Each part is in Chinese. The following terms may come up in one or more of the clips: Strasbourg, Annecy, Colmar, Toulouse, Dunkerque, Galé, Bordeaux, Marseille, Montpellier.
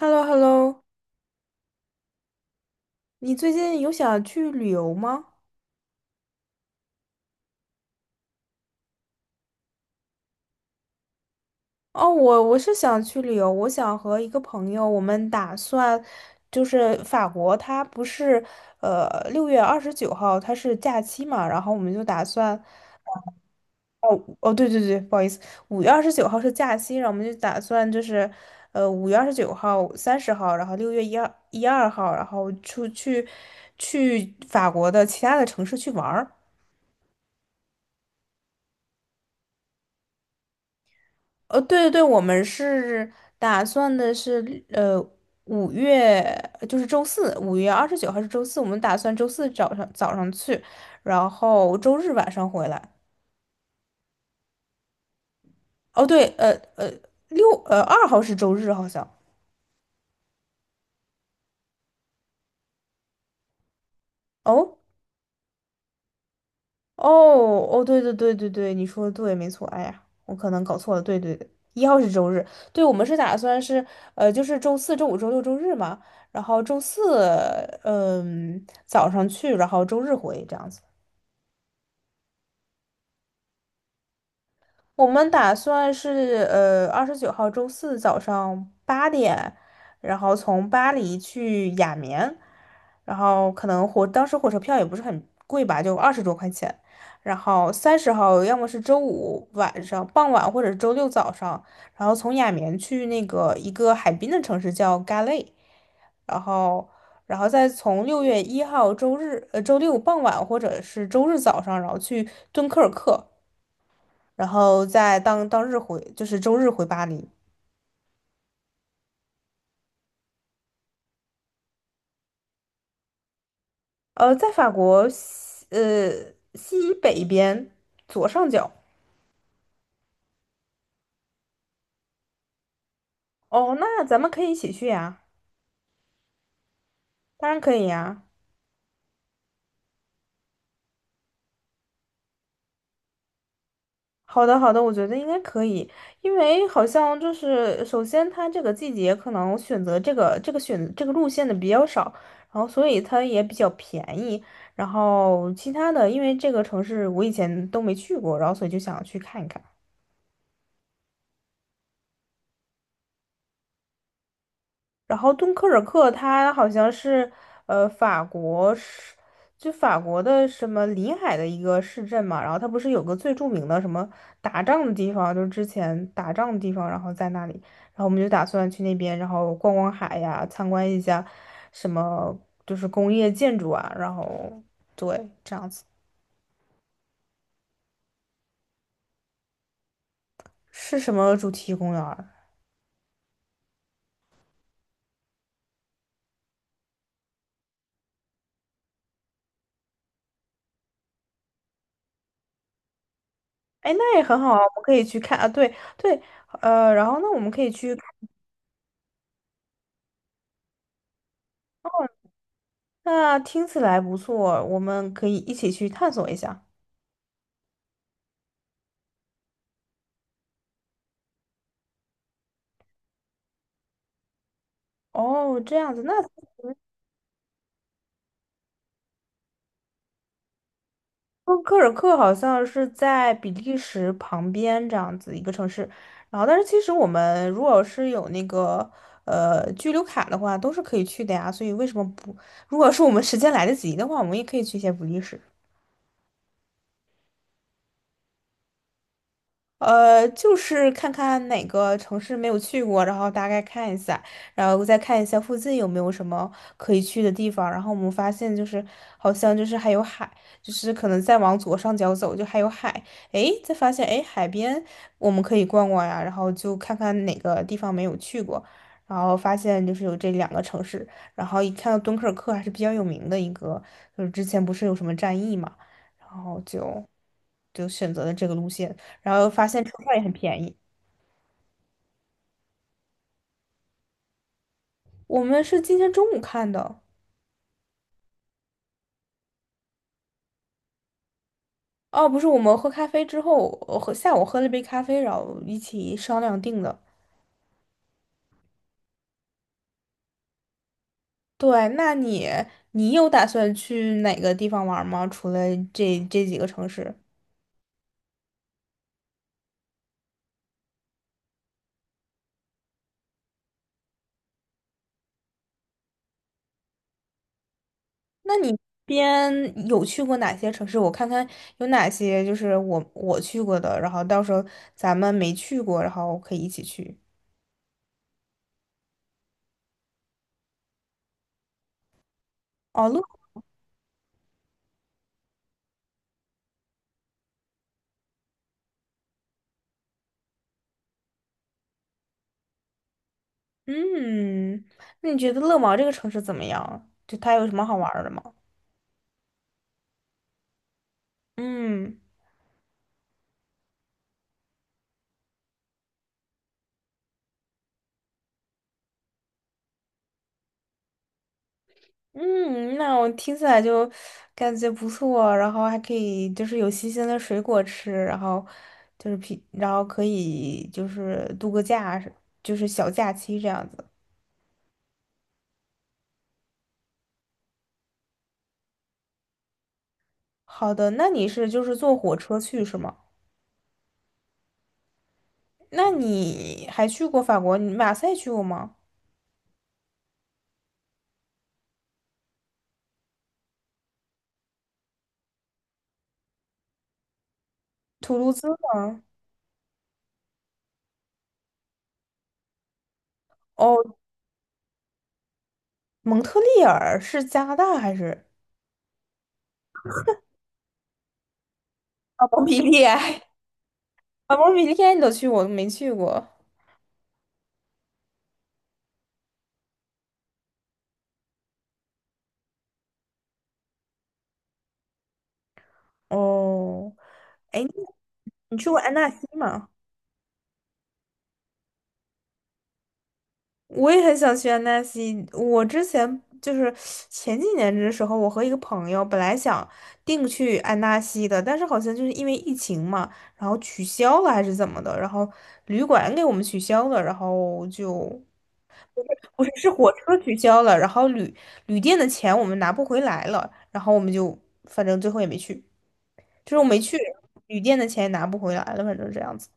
h e l l o h e l l o 你最近有想去旅游吗？哦，我是想去旅游，我想和一个朋友，我们打算就是法国，它不是呃6月29号它是假期嘛，然后我们就打算。哦哦对对对，不好意思，五月二十九号是假期，然后我们就打算就是5月29号、30号，然后六月一二号，然后出去去法国的其他的城市去玩儿。对对对，我们是打算的是，五月就是周四，五月二十九号是周四，我们打算周四早上去，然后周日晚上回来。哦，对，呃，二号是周日好像。哦哦哦，对对对对对，你说的对，没错。哎呀，我可能搞错了，对对对，一号是周日。对，我们是打算是，就是周四周五周六周日嘛，然后周四早上去，然后周日回这样子。我们打算是二十九号周四早上8点，然后从巴黎去雅眠，然后可能火当时火车票也不是很贵吧，就20多块钱。然后三十号要么是周五晚上傍晚，或者周六早上，然后从雅眠去那个一个海滨的城市叫 g a l e。 然后然后再从6月1号周日周六傍晚或者是周日早上，然后去敦刻尔克。然后在当日回，就是周日回巴黎。在法国西北边左上角。哦，那咱们可以一起去呀，当然可以呀。好的，好的，我觉得应该可以，因为好像就是首先它这个季节可能选择这个选这个路线的比较少，然后所以它也比较便宜。然后其他的，因为这个城市我以前都没去过，然后所以就想去看一看。然后敦刻尔克它好像是呃法国是就法国的什么临海的一个市镇嘛，然后它不是有个最著名的什么打仗的地方，就是之前打仗的地方，然后在那里，然后我们就打算去那边，然后逛逛海呀，参观一下什么就是工业建筑啊，然后对这样子。是什么主题公园儿？哎，那也很好啊，我们可以去看啊。对对，然后那我们可以去。那听起来不错，我们可以一起去探索一下。哦，这样子，那 说科尔克好像是在比利时旁边这样子一个城市，然后但是其实我们如果是有那个居留卡的话，都是可以去的呀。所以为什么不？如果是我们时间来得及的话，我们也可以去一些比利时。就是看看哪个城市没有去过，然后大概看一下，然后再看一下附近有没有什么可以去的地方。然后我们发现就是好像就是还有海，就是可能再往左上角走就还有海，诶，再发现诶海边我们可以逛逛呀，然后就看看哪个地方没有去过，然后发现就是有这两个城市，然后一看到敦刻尔克还是比较有名的一个，就是之前不是有什么战役嘛，然后就选择了这个路线。然后发现车票也很便宜。我们是今天中午看的。哦，不是，我们喝咖啡之后，我下午喝了杯咖啡，然后一起商量定的。对，那你你有打算去哪个地方玩吗？除了这几个城市。那你边有去过哪些城市？我看看有哪些就是我去过的，然后到时候咱们没去过，然后可以一起去。哦，勒。嗯，那你觉得乐芒这个城市怎么样？就它有什么好玩儿的吗？嗯。嗯，那我听起来就感觉不错，然后还可以就是有新鲜的水果吃，然后就是平，然后可以就是度个假，就是小假期这样子。好的，那你是就是坐火车去是吗？那你还去过法国？你马赛去过吗？图卢兹吗？哦，蒙特利尔是加拿大还是？啊，蒙彼利埃。啊，蒙彼利埃你都去过，我都没去过。哦，你去过安纳西吗？我也很想去安纳西。我之前就是前几年的时候，我和一个朋友本来想定去安纳西的，但是好像就是因为疫情嘛，然后取消了还是怎么的，然后旅馆给我们取消了，然后就不是是火车取消了，然后旅店的钱我们拿不回来了，然后我们就反正最后也没去，就是我没去，旅店的钱也拿不回来了，反正这样子。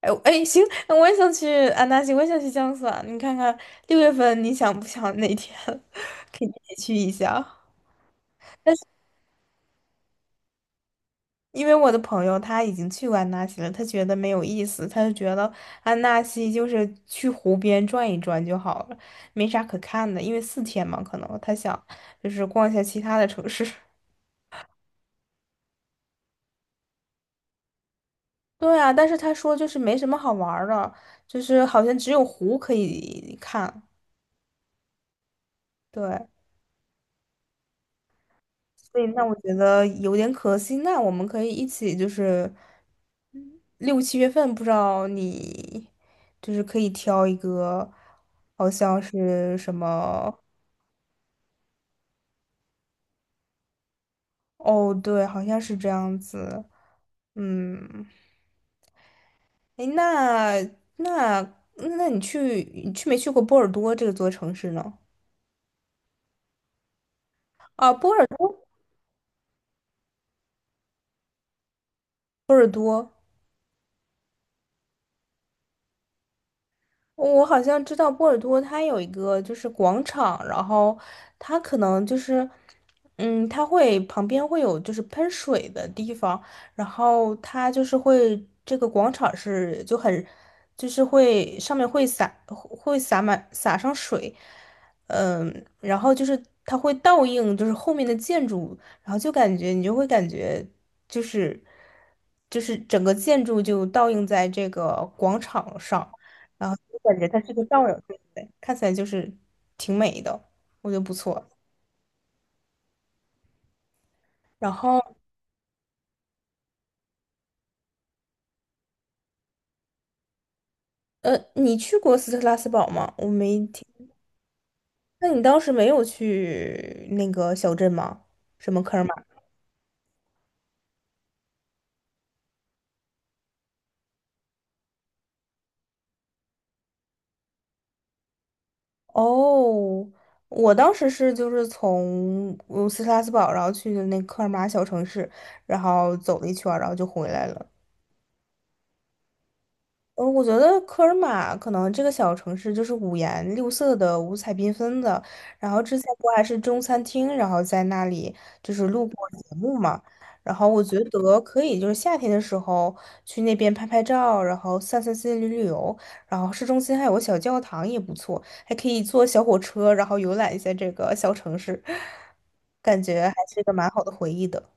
哎哎，行，我也想去安纳西，我也想去江苏啊。你看看6月份你想不想哪天 可以一起去一下？因为我的朋友他已经去过安纳西了，他觉得没有意思，他就觉得安纳西就是去湖边转一转就好了，没啥可看的。因为4天嘛，可能他想就是逛一下其他的城市。对啊，但是他说就是没什么好玩儿的，就是好像只有湖可以看。对，所以那我觉得有点可惜。那我们可以一起，就是六七月份，不知道你就是可以挑一个，好像是什么？哦，对，好像是这样子。嗯，诶，那那你去没去过波尔多这个座城市呢？波尔多。我好像知道波尔多，它有一个就是广场，然后它可能就是，嗯，它会旁边会有就是喷水的地方，然后它就是会这个广场是就很，就是会上面会洒满洒上水，嗯，然后就是它会倒映就是后面的建筑，然后就感觉你就会感觉就是就是整个建筑就倒映在这个广场上。然后就感觉它是个倒影对不对？看起来就是挺美的，我觉得不错。然后，你去过斯特拉斯堡吗？我没听。那你当时没有去那个小镇吗？什么科尔马？哦，我当时是就是从斯特拉斯堡，然后去的那科尔马小城市，然后走了一圈儿然后就回来了。嗯，我觉得科尔玛可能这个小城市就是五颜六色的、五彩缤纷的。然后之前不还是中餐厅，然后在那里就是录过节目嘛。然后我觉得可以，就是夏天的时候去那边拍拍照，然后散散心、旅游。然后市中心还有个小教堂也不错，还可以坐小火车，然后游览一下这个小城市，感觉还是一个蛮好的回忆的。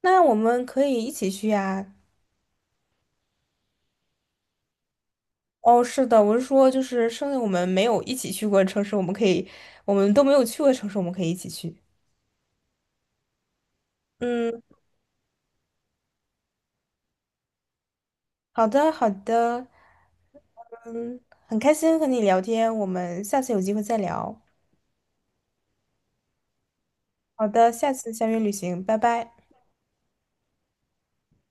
那我们可以一起去呀。哦，是的，我是说，就是剩下我们没有一起去过的城市，我们可以，我们都没有去过的城市，我们可以一起去。嗯，好的，好的，嗯，很开心和你聊天，我们下次有机会再聊。好的，下次相约旅行，拜拜。